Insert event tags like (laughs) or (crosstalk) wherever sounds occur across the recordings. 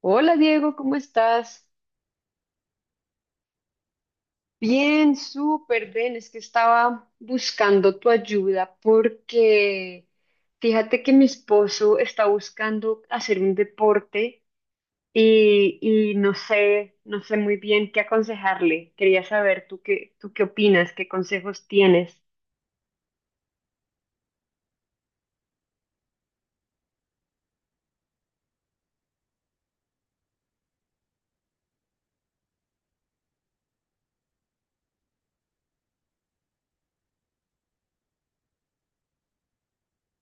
Hola Diego, ¿cómo estás? Bien, súper bien. Es que estaba buscando tu ayuda porque fíjate que mi esposo está buscando hacer un deporte y no sé, no sé muy bien qué aconsejarle. Quería saber tú qué opinas, qué consejos tienes.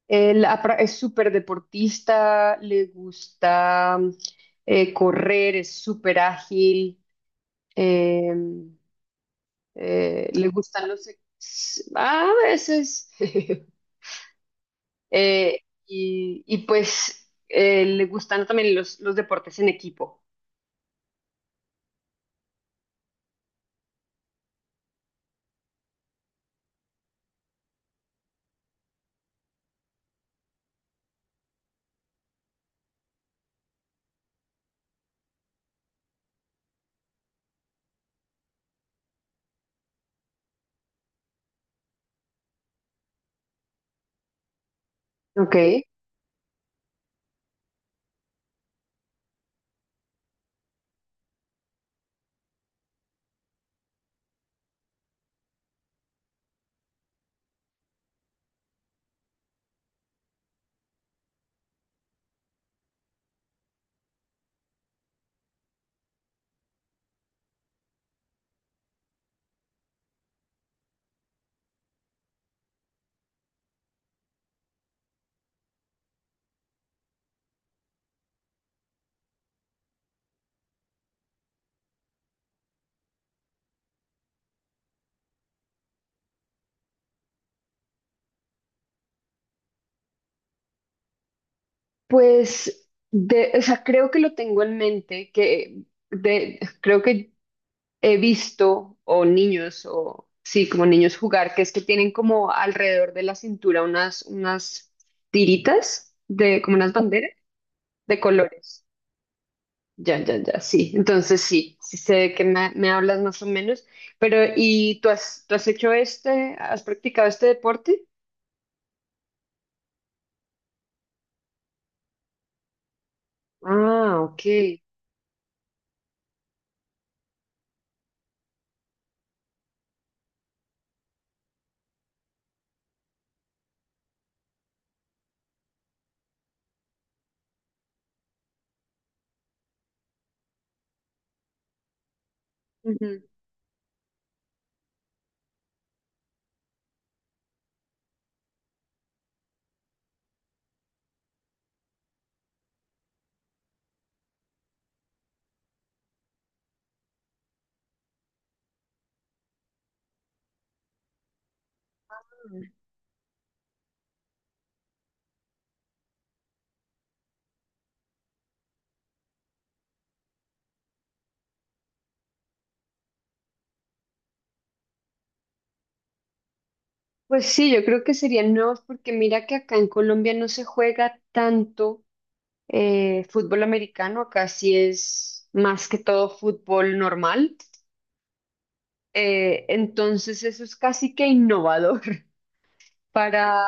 Él es súper deportista, le gusta correr, es súper ágil. Eh, Le gustan a veces. (laughs) Eh, Le gustan también los deportes en equipo. Ok. Pues, de, o sea, creo que lo tengo en mente, que de, creo que he visto, o niños, o sí, como niños jugar, que es que tienen como alrededor de la cintura unas tiritas, de, como unas banderas de colores. Ya, ya, ya, sí. Entonces sí, sí sé de qué me, me hablas más o menos. Pero, ¿y tú has hecho este, has practicado este deporte? Ah, ok. Ujú. Pues sí, yo creo que serían nuevos porque mira que acá en Colombia no se juega tanto fútbol americano, acá sí es más que todo fútbol normal. Entonces eso es casi que innovador para,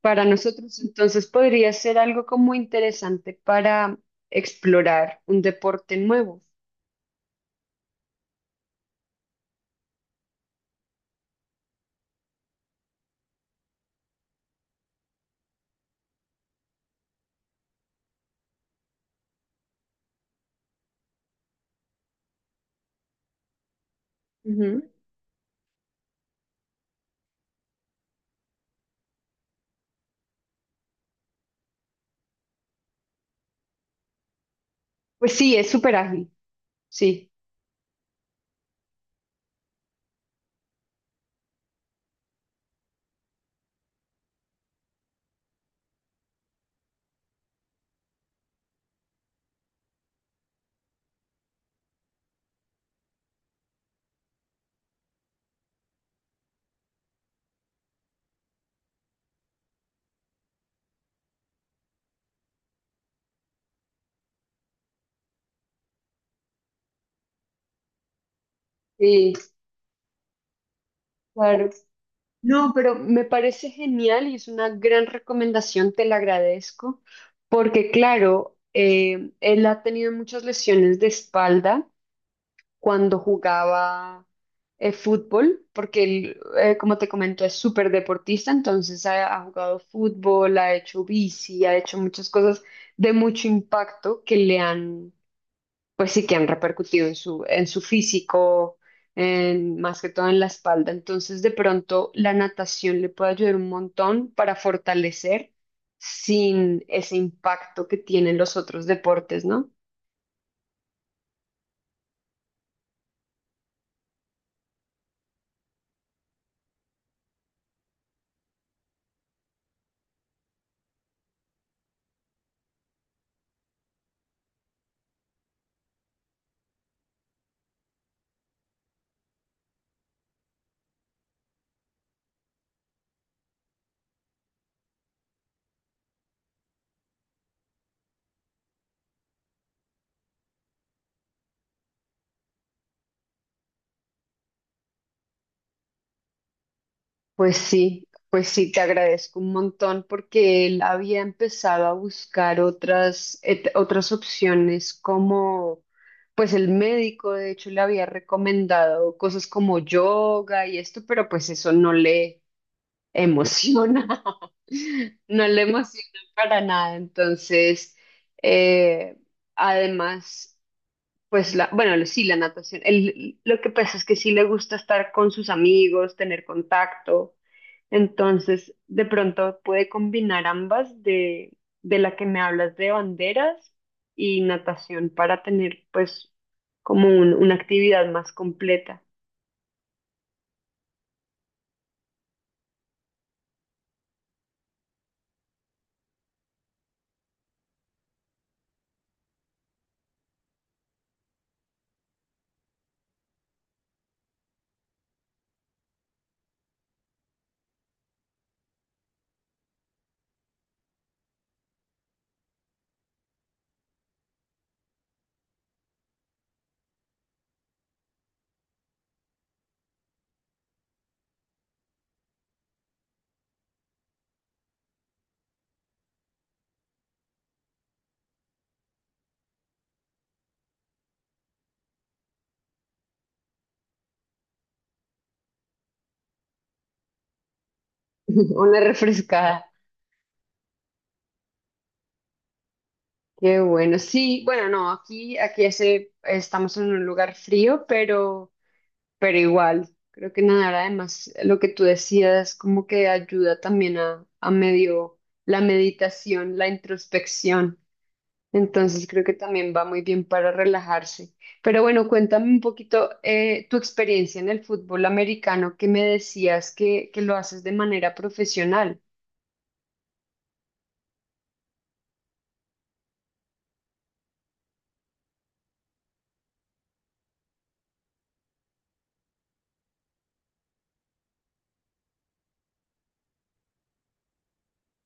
para nosotros. Entonces podría ser algo como interesante para explorar un deporte nuevo. Ujú. Pues sí, es súper ágil, sí, sí, claro. No, pero me parece genial y es una gran recomendación, te la agradezco, porque claro, él ha tenido muchas lesiones de espalda cuando jugaba fútbol, porque él, como te comento, es súper deportista, entonces ha, ha jugado fútbol, ha hecho bici, ha hecho muchas cosas de mucho impacto que le han, pues sí, que han repercutido en su físico, en, más que todo en la espalda. Entonces, de pronto, la natación le puede ayudar un montón para fortalecer sin ese impacto que tienen los otros deportes, ¿no? Pues sí, te agradezco un montón porque él había empezado a buscar otras opciones como, pues el médico de hecho le había recomendado cosas como yoga y esto, pero pues eso no le emociona, (laughs) no le emociona para nada. Entonces, eh, además... Pues la, bueno, sí, la natación. El- lo que pasa es que sí le gusta estar con sus amigos, tener contacto. Entonces, de pronto puede combinar ambas de la que me hablas de banderas y natación para tener pues como un- una actividad más completa. (laughs) Una refrescada. Qué bueno. Sí, bueno, no, aquí, aquí hace, estamos en un lugar frío, pero igual, creo que nadar además, lo que tú decías, como que ayuda también a medio la meditación, la introspección. Entonces creo que también va muy bien para relajarse. Pero bueno, cuéntame un poquito tu experiencia en el fútbol americano, que me decías que lo haces de manera profesional.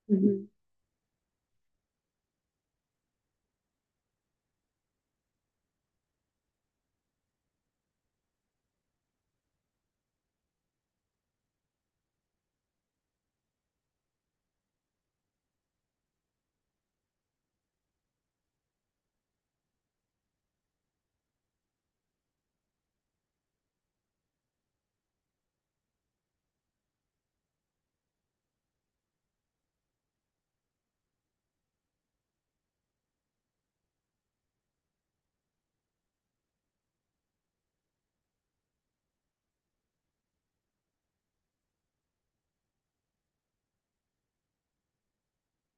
Ujú.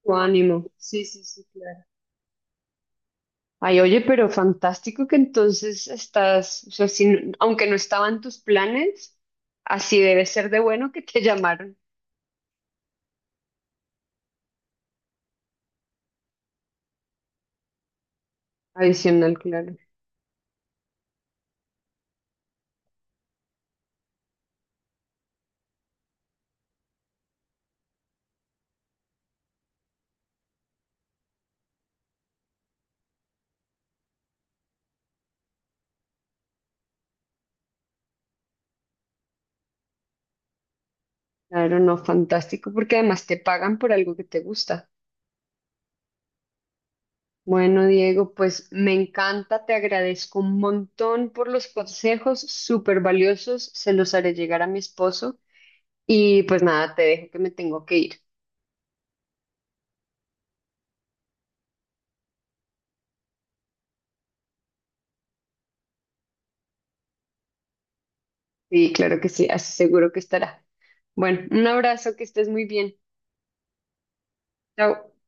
Tu ánimo. Sí, sí, sí, claro. Ay, oye, pero fantástico que entonces estás, o sea, si no- aunque no estaban tus planes, así debe ser de bueno que te (laughs) llamaron. Adicional, claro. Claro, no, fantástico, porque además te pagan por algo que te gusta. Bueno, Diego, pues me encanta, te agradezco un montón por los consejos súper valiosos, se los haré llegar a mi esposo y pues nada, te dejo que me tengo que ir. Sí, claro que sí, así seguro que estará. Bueno, un abrazo, que estés muy bien. Chao.